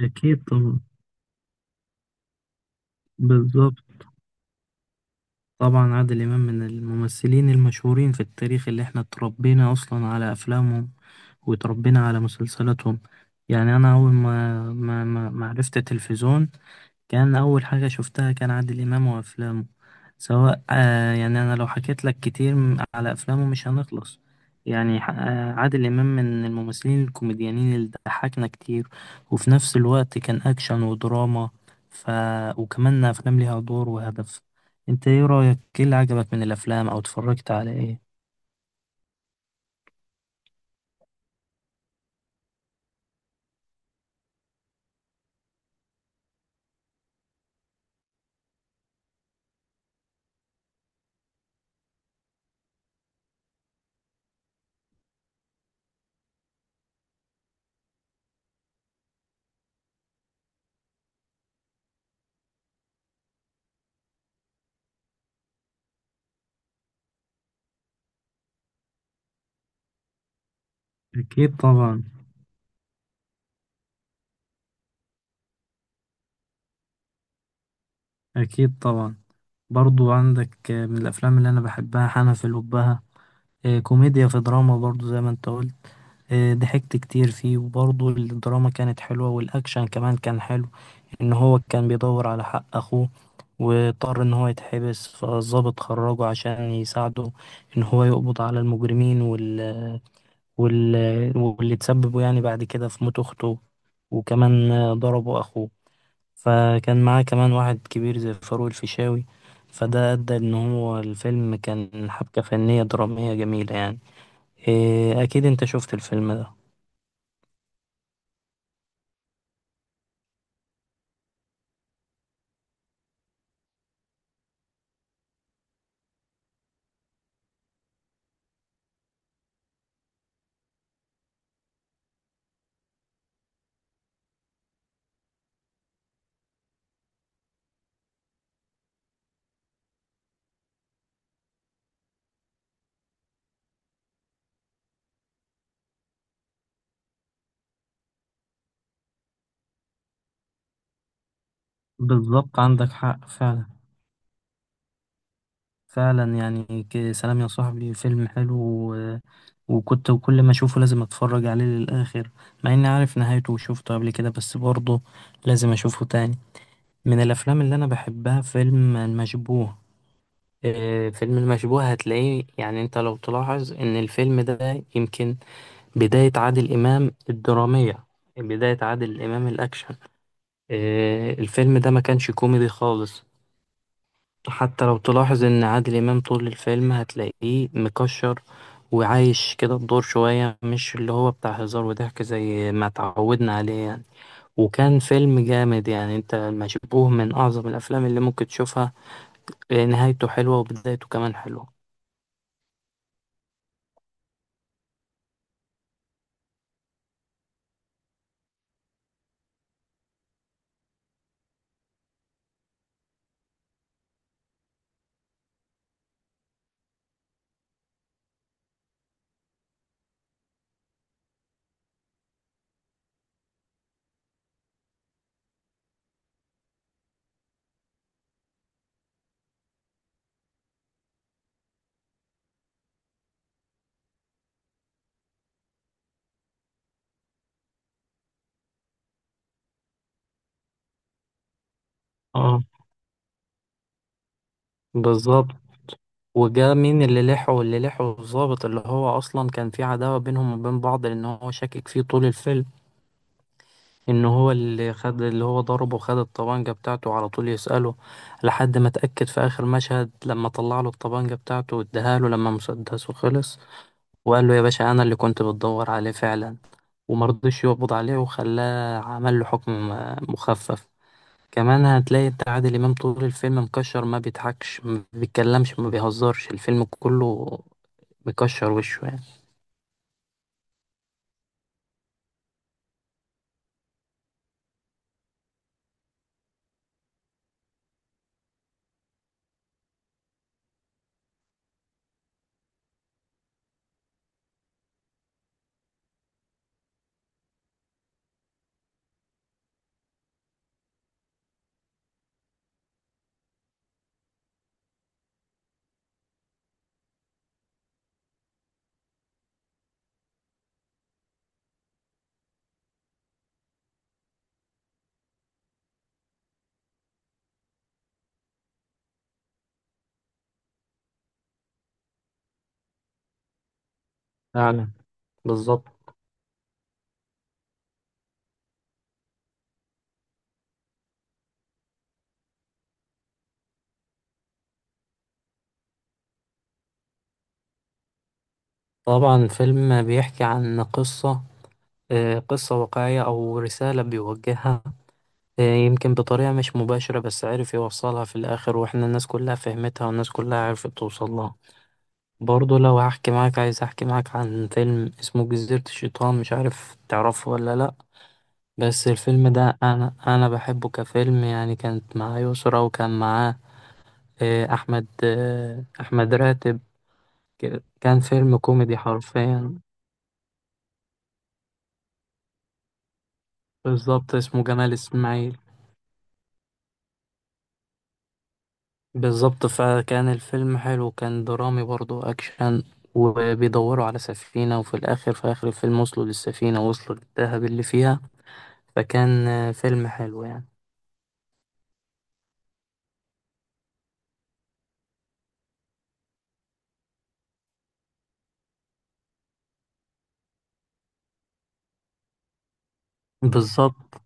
أكيد طبعا. بالظبط. طبعا عادل إمام من الممثلين المشهورين في التاريخ اللي احنا اتربينا أصلا على أفلامهم، وتربينا على مسلسلاتهم. يعني أنا أول ما عرفت التلفزيون، كان أول حاجة شفتها كان عادل إمام وأفلامه. سواء يعني أنا لو حكيت لك كتير على أفلامه مش هنخلص. يعني عادل إمام من الممثلين الكوميديانين اللي ضحكنا كتير، وفي نفس الوقت كان أكشن ودراما. ف... وكمان أفلام ليها دور وهدف. أنت إيه رأيك؟ إيه اللي عجبك من الأفلام أو اتفرجت على إيه؟ أكيد طبعا. أكيد طبعا. برضو عندك من الأفلام اللي أنا بحبها حنفي الأبهة. كوميديا في دراما برضو زي ما انت قلت. ضحكت كتير فيه وبرضو الدراما كانت حلوة والأكشن كمان كان حلو. إن هو كان بيدور على حق أخوه، واضطر إن هو يتحبس، فالضابط خرجه عشان يساعده إن هو يقبض على المجرمين، وال... واللي تسببوا يعني بعد كده في موت أخته، وكمان ضربوا أخوه. فكان معاه كمان واحد كبير زي فاروق الفيشاوي، فده أدى إن هو الفيلم كان حبكة فنية درامية جميلة يعني. أكيد أنت شفت الفيلم ده. بالظبط، عندك حق فعلا. فعلا يعني سلام يا صاحبي فيلم حلو. و... وكنت كل ما أشوفه لازم أتفرج عليه للآخر، مع إني عارف نهايته وشوفته قبل كده، بس برضه لازم أشوفه تاني. من الأفلام اللي أنا بحبها فيلم المشبوه. فيلم المشبوه هتلاقيه يعني أنت لو تلاحظ إن الفيلم ده يمكن بداية عادل إمام الدرامية، بداية عادل إمام الأكشن. الفيلم ده ما كانش كوميدي خالص. حتى لو تلاحظ ان عادل امام طول الفيلم هتلاقيه مكشر، وعايش كده الدور شوية، مش اللي هو بتاع هزار وضحك زي ما تعودنا عليه يعني. وكان فيلم جامد يعني. انت المشبوه من اعظم الافلام اللي ممكن تشوفها، نهايته حلوة وبدايته كمان حلوة. اه، بالظبط. وجا مين اللي لحه الضابط اللي هو اصلا كان في عداوة بينهم وبين بعض، لان هو شاكك فيه طول الفيلم. ان هو اللي خد اللي هو ضربه، خد الطبانجة بتاعته على طول يسأله، لحد ما اتأكد في اخر مشهد لما طلع له الطبانجة بتاعته واداها له لما مسدسه خلص، وقال له يا باشا انا اللي كنت بتدور عليه فعلا. ومرضيش يقبض عليه وخلاه عمل له حكم مخفف. كمان هتلاقي انت عادل امام طول الفيلم مكشر، ما بيضحكش ما بيتكلمش ما بيهزرش، الفيلم كله مكشر وشه يعني. فعلا. بالظبط. طبعا الفيلم بيحكي عن قصة، قصة واقعية أو رسالة بيوجهها. يمكن بطريقة مش مباشرة، بس عرف يوصلها في الآخر، وإحنا الناس كلها فهمتها والناس كلها عرفت توصل لها. برضه لو هحكي معاك، عايز أحكي معاك عن فيلم اسمه جزيرة الشيطان، مش عارف تعرفه ولا لأ. بس الفيلم ده أنا بحبه كفيلم يعني. كانت معاه يسرا وكان معاه أحمد راتب. كان فيلم كوميدي حرفيا. بالظبط، اسمه جمال إسماعيل. بالظبط. فكان الفيلم حلو، كان درامي برضو أكشن، وبيدوروا على سفينة، وفي الآخر في آخر الفيلم وصلوا للسفينة، وصلوا للذهب اللي فيها. فكان فيلم حلو يعني. بالظبط.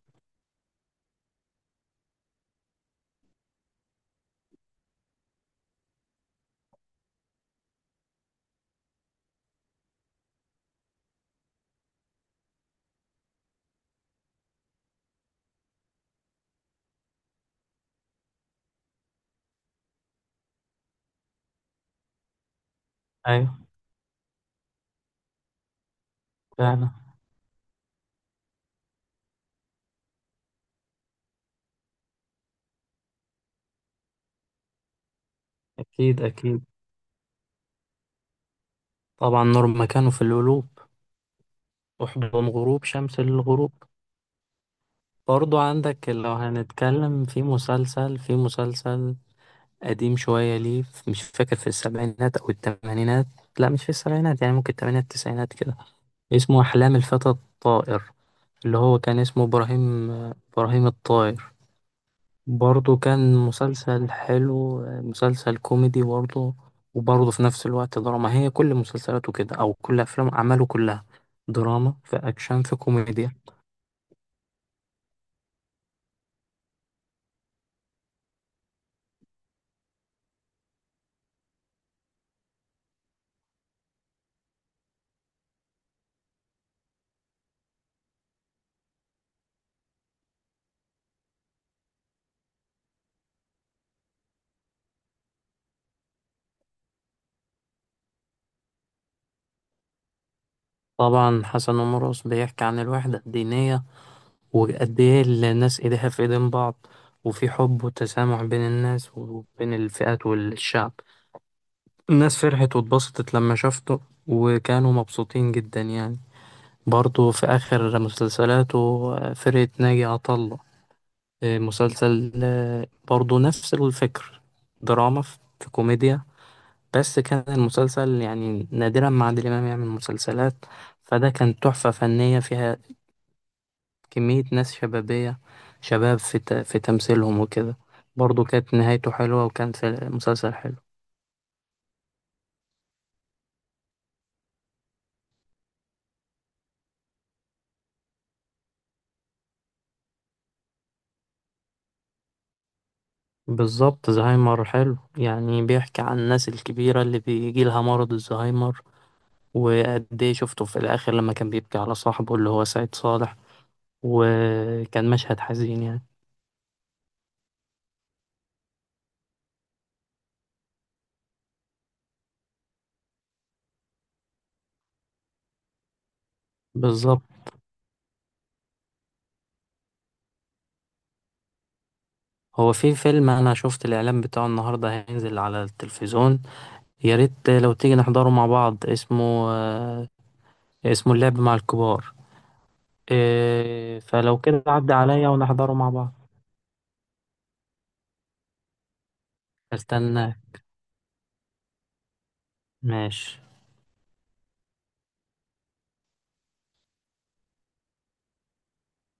أيوة. فعلا. أكيد أكيد. طبعا نور مكانه في القلوب، وحضن غروب شمس للغروب. برضو عندك لو هنتكلم في مسلسل، قديم شوية، ليه مش فاكر، في السبعينات أو التمانينات. لا، مش في السبعينات، يعني ممكن التمانينات التسعينات كده. اسمه أحلام الفتى الطائر، اللي هو كان اسمه إبراهيم، إبراهيم الطائر. برضه كان مسلسل حلو، مسلسل كوميدي برضه. وبرضه في نفس الوقت دراما. هي كل مسلسلاته كده أو كل أفلام أعماله كلها دراما في أكشن في كوميديا. طبعا حسن ومرقص بيحكي عن الوحدة الدينية، وقد إيه الناس إيديها في إيدين بعض، وفي حب وتسامح بين الناس وبين الفئات والشعب. الناس فرحت واتبسطت لما شافته، وكانوا مبسوطين جدا يعني. برضه في آخر مسلسلاته فرقة ناجي عطا الله، مسلسل برضه نفس الفكر، دراما في كوميديا. بس كان المسلسل يعني نادرا ما عادل إمام يعمل مسلسلات، فده كان تحفة فنية فيها كمية ناس شبابية، شباب في تمثيلهم وكده. برضو كانت نهايته حلوة وكان في مسلسل حلو. بالظبط، زهايمر حلو يعني، بيحكي عن الناس الكبيرة اللي بيجي لها مرض الزهايمر. وقد ايه شفته في الآخر لما كان بيبكي على صاحبه اللي هو سعيد صالح، وكان مشهد حزين يعني. بالظبط. هو في فيلم أنا شفت الإعلان بتاعه النهاردة هينزل على التلفزيون، يا ريت لو تيجي نحضره مع بعض. اسمه، اسمه اللعب مع الكبار. إيه فلو كده عدى عليا ونحضره مع بعض. استناك. ماشي.